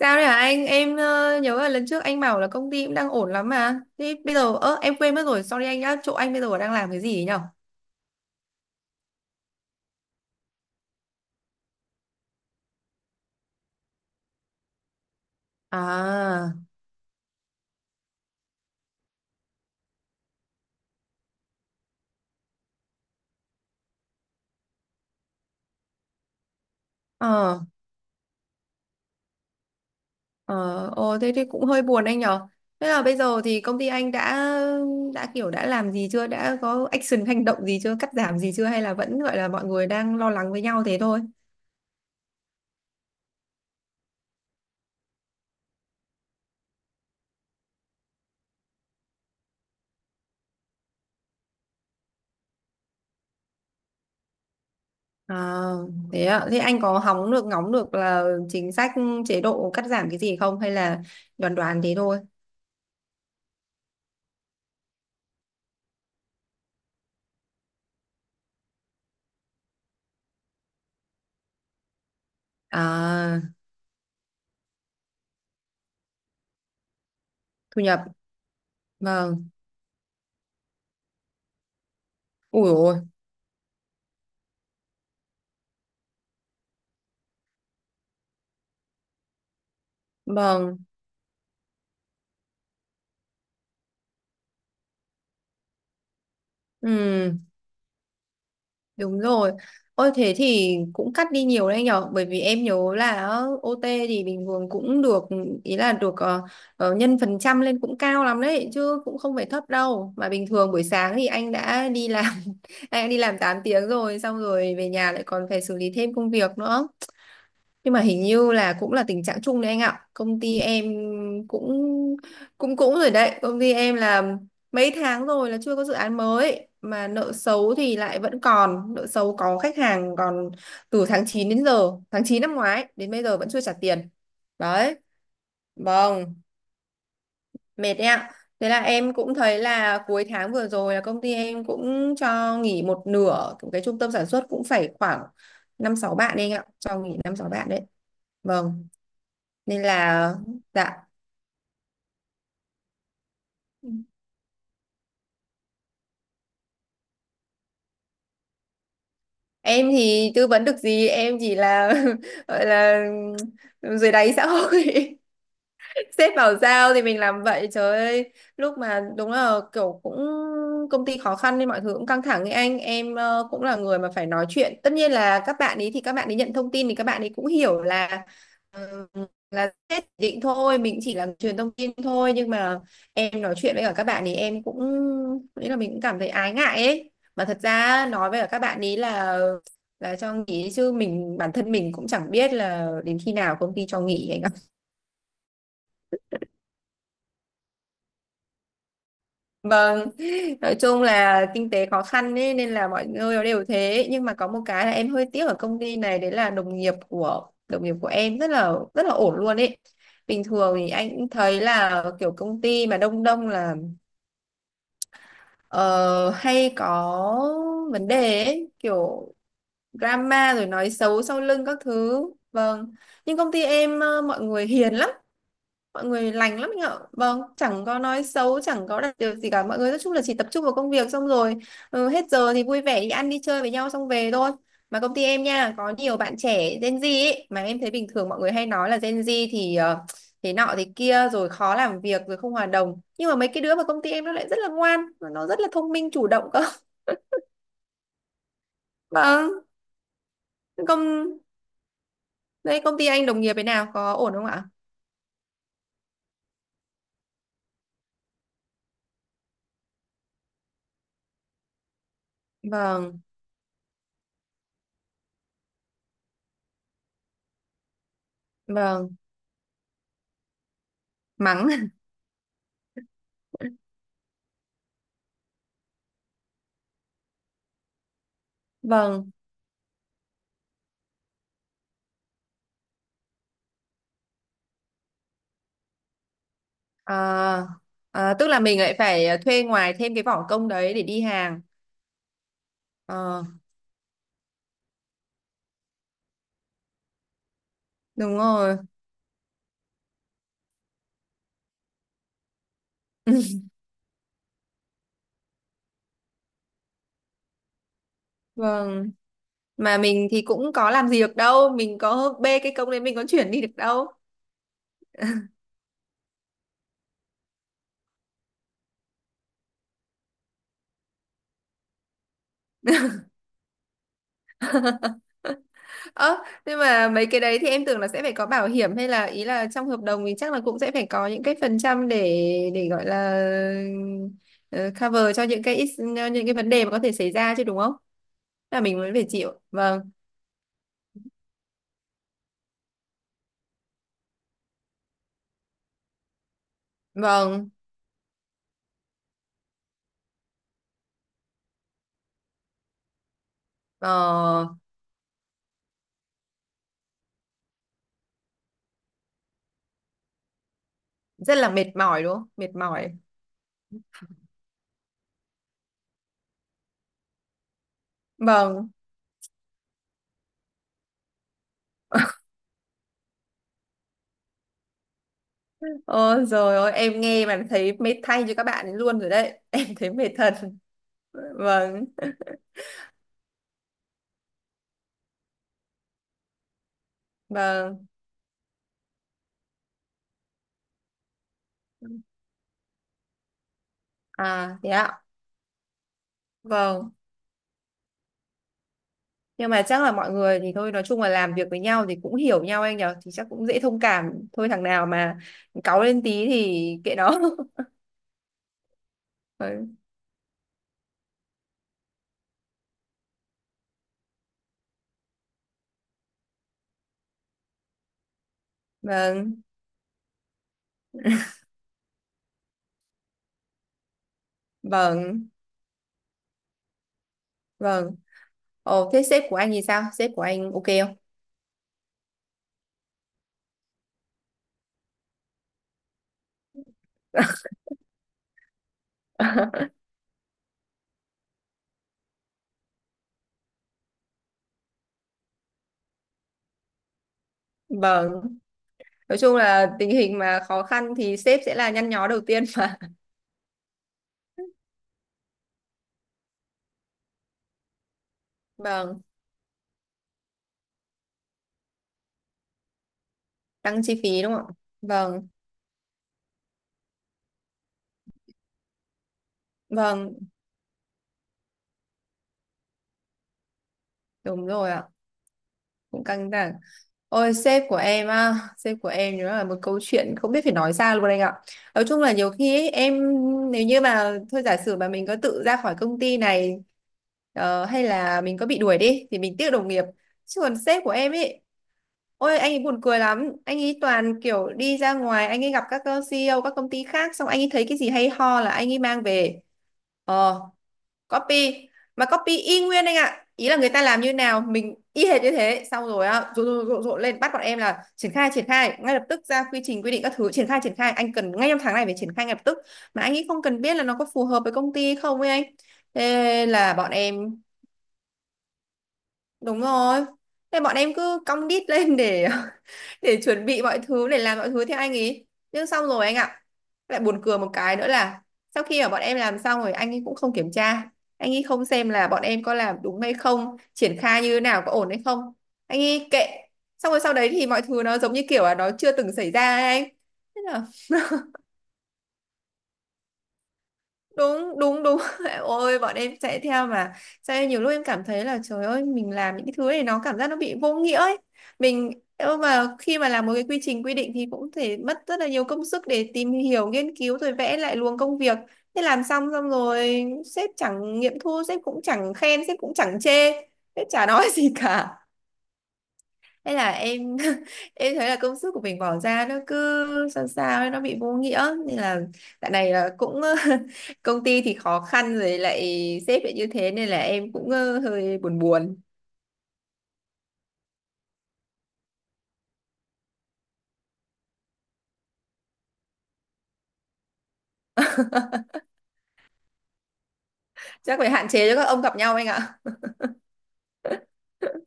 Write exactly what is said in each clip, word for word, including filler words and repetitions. Sao đấy hả anh? Em ờ, nhớ là lần trước anh bảo là công ty cũng đang ổn lắm mà. Thế bây giờ ơ em quên mất rồi, sorry anh nhá. Chỗ anh bây giờ đang làm cái gì ấy nhở? À, ờ, ờ, ồ, thế thì cũng hơi buồn anh nhở. Thế là bây giờ thì công ty anh đã đã kiểu đã làm gì chưa? Đã có action hành động gì chưa? Cắt giảm gì chưa? Hay là vẫn gọi là mọi người đang lo lắng với nhau thế thôi? À, thế ạ. Thế anh có hóng được ngóng được là chính sách chế độ cắt giảm cái gì không? Hay là đoán đoán thế thôi? À, thu nhập. Vâng. Ui ôi, vâng, ừ, đúng rồi. Ôi thế thì cũng cắt đi nhiều đấy nhở, bởi vì em nhớ là o ti thì bình thường cũng được, ý là được ờ, ờ, nhân phần trăm lên cũng cao lắm đấy, chứ cũng không phải thấp đâu. Mà bình thường buổi sáng thì anh đã đi làm, anh đã đi làm tám tiếng rồi, xong rồi về nhà lại còn phải xử lý thêm công việc nữa. Nhưng mà hình như là cũng là tình trạng chung đấy anh ạ, công ty em cũng cũng cũng rồi đấy, công ty em là mấy tháng rồi là chưa có dự án mới mà nợ xấu thì lại vẫn còn nợ xấu, có khách hàng còn từ tháng chín đến giờ, tháng chín năm ngoái đến bây giờ vẫn chưa trả tiền đấy. Vâng, mệt đấy ạ. Thế là em cũng thấy là cuối tháng vừa rồi là công ty em cũng cho nghỉ một nửa cái trung tâm sản xuất, cũng phải khoảng năm sáu bạn đấy anh ạ, cho nghỉ năm sáu bạn đấy. Vâng, nên là dạ, em thì tư vấn được gì, em chỉ là gọi là dưới đáy xã hội, sếp bảo giao thì mình làm vậy. Trời ơi, lúc mà đúng là kiểu cũng công ty khó khăn nên mọi thứ cũng căng thẳng ấy, anh em ờ, cũng là người mà phải nói chuyện. Tất nhiên là các bạn ấy thì các bạn ấy nhận thông tin thì các bạn ấy cũng hiểu là ờ, là sếp chỉ định thôi, mình chỉ là truyền thông tin thôi, nhưng mà em nói chuyện với cả các bạn ấy em cũng nghĩ là mình cũng cảm thấy ái ngại ấy, mà thật ra nói với cả các bạn ấy là là cho nghỉ, chứ mình bản thân mình cũng chẳng biết là đến khi nào công ty cho nghỉ anh ạ. Vâng, nói chung là kinh tế khó khăn ấy, nên là mọi người nó đều thế, nhưng mà có một cái là em hơi tiếc ở công ty này, đấy là đồng nghiệp của đồng nghiệp của em rất là rất là ổn luôn ấy. Bình thường thì anh cũng thấy là kiểu công ty mà đông đông là ờ, hay có vấn đề ấy, kiểu drama rồi nói xấu sau lưng các thứ. Vâng, nhưng công ty em ờ, mọi người hiền lắm, mọi người lành lắm anh ạ. Vâng, chẳng có nói xấu, chẳng có đặt điều gì cả, mọi người nói chung là chỉ tập trung vào công việc, xong rồi ừ, hết giờ thì vui vẻ đi ăn đi chơi với nhau xong về thôi. Mà công ty em nha có nhiều bạn trẻ Gen Z ấy, mà em thấy bình thường mọi người hay nói là Gen Z thì ờ, thế nọ thế kia rồi khó làm việc rồi không hòa đồng, nhưng mà mấy cái đứa mà công ty em nó lại rất là ngoan, nó rất là thông minh chủ động cơ. Vâng. công Đây công ty anh đồng nghiệp thế nào, có ổn không ạ? Vâng, vâng, mắng. Vâng. Ờ, ờ, tức là mình lại phải ờ, thuê ngoài thêm cái vỏ công đấy để đi hàng. Ờ, đúng rồi. Vâng, mà mình thì cũng có làm gì được đâu, mình có bê cái công đấy mình có chuyển đi được đâu. Ơ, nhưng mà mấy cái đấy thì em tưởng là sẽ phải có bảo hiểm, hay là ý là trong hợp đồng thì chắc là cũng sẽ phải có những cái phần trăm để để gọi là ờ, cover cho những cái ít- ờ, những cái vấn đề mà có thể xảy ra chứ, đúng không? Là mình vẫn phải chịu. Vâng, vâng. Ờ, rất là mệt mỏi đúng không, mệt mỏi. Vâng, ôi rồi, ôi em nghe mà thấy mệt thay cho các bạn ấy luôn rồi đấy. Em thấy mệt thật. Vâng, vâng. À, thế ạ. Vâng, nhưng mà chắc là mọi người thì thôi, nói chung là làm việc với nhau thì cũng hiểu nhau anh nhở, thì chắc cũng dễ thông cảm thôi, thằng nào mà cáu lên tí thì kệ nó. Vâng, vâng, vâng, vâng. Ồ, thế sếp của anh thì sao, sếp của anh ok không? Vâng. Nói chung là tình hình mà khó khăn thì sếp sẽ là nhăn nhó đầu tiên mà. Vâng, tăng chi phí đúng không ạ? Vâng, vâng, đúng rồi ạ. Cũng căng thẳng. Ôi sếp của em á, sếp của em nữa là một câu chuyện không biết phải nói ra luôn anh ạ. Nói chung là nhiều khi ấy, em nếu như mà thôi giả sử mà mình có tự ra khỏi công ty này, ờ, hay là mình có bị đuổi đi thì mình tiếc đồng nghiệp. Chứ còn sếp của em ấy, ôi anh ấy buồn cười lắm. Anh ấy toàn kiểu đi ra ngoài, anh ấy gặp các ờ, xê e o các công ty khác, xong anh ấy thấy cái gì hay ho là anh ấy mang về. Ờ, copy. Mà copy y nguyên anh ạ. Ý là người ta làm như nào mình y hệt như thế. Xong rồi á, rộn rộn rộn rộn lên bắt bọn em là triển khai triển khai ngay lập tức, ra quy trình quy định các thứ, triển khai triển khai anh cần ngay trong tháng này phải triển khai ngay lập tức. Mà anh ấy không cần biết là nó có phù hợp với công ty không ấy anh. Thế là bọn em đúng rồi. Thế bọn em cứ cong đít lên để để chuẩn bị mọi thứ để làm mọi thứ theo anh ý. Nhưng xong rồi anh ạ. Lại buồn cười một cái nữa là sau khi mà bọn em làm xong rồi anh ấy cũng không kiểm tra. Anh ấy không xem là bọn em có làm đúng hay không, triển khai như thế nào có ổn hay không. Anh ấy kệ. Xong rồi sau đấy thì mọi thứ nó giống như kiểu là nó chưa từng xảy ra ấy anh. Thế là đúng đúng đúng. Ôi bọn em chạy theo mà, sao nhiều lúc em cảm thấy là trời ơi mình làm những cái thứ này nó cảm giác nó bị vô nghĩa ấy. Mình, nhưng mà khi mà làm một cái quy trình quy định thì cũng thể mất rất là nhiều công sức để tìm hiểu nghiên cứu rồi vẽ lại luồng công việc. Thế làm xong xong rồi sếp chẳng nghiệm thu, sếp cũng chẳng khen, sếp cũng chẳng chê, sếp chả nói gì cả. Thế là em em thấy là công sức của mình bỏ ra nó cứ sao sao ấy, nó bị vô nghĩa, nên là dạo này là cũng công ty thì khó khăn rồi lại sếp lại như thế, nên là em cũng ờ, hơi buồn buồn. Chắc phải hạn chế cho các ông gặp nhau anh ạ.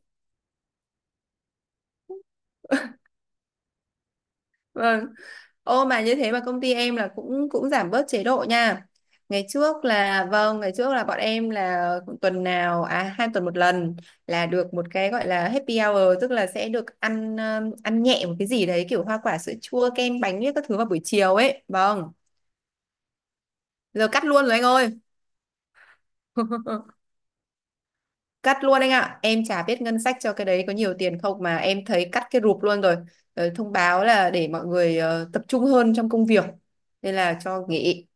Vâng. Ô mà như thế mà công ty em là cũng cũng giảm bớt chế độ nha. Ngày trước là vâng, ngày trước là bọn em là tuần nào, à, hai tuần một lần là được một cái gọi là happy hour, tức là sẽ được ăn um, ăn nhẹ một cái gì đấy kiểu hoa quả sữa chua kem bánh với các thứ vào buổi chiều ấy. Vâng. Giờ cắt luôn rồi anh ơi. Cắt luôn anh ạ. Em chả biết ngân sách cho cái đấy có nhiều tiền không mà em thấy cắt cái rụp luôn rồi. Ờ, thông báo là để mọi người ờ, tập trung hơn trong công việc. Nên là cho nghỉ.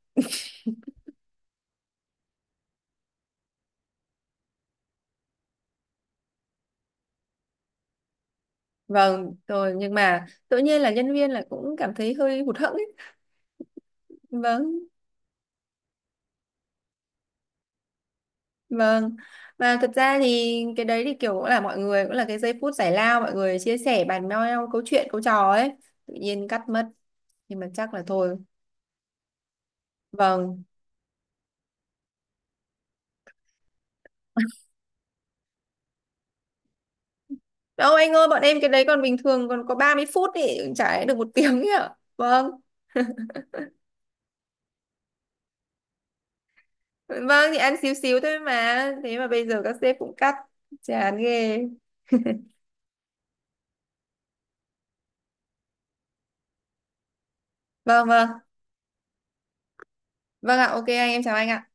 Vâng rồi, nhưng mà tự nhiên là nhân viên là cũng cảm thấy hơi hụt hẫng ấy. Vâng, vâng. Mà thật ra thì cái đấy thì kiểu cũng là mọi người cũng là cái giây phút giải lao mọi người chia sẻ bàn nhau nhau câu chuyện câu trò ấy. Tự nhiên cắt mất. Nhưng mà chắc là thôi. Vâng. Đâu anh ơi, bọn em cái đấy còn bình thường còn có ba mươi phút thì chả lẽ được một tiếng ấy ạ. Vâng. Vâng thì ăn xíu xíu thôi mà. Thế mà bây giờ các sếp cũng cắt. Chán ghê. Vâng, vâng. Vâng ạ, ok anh, em chào anh ạ.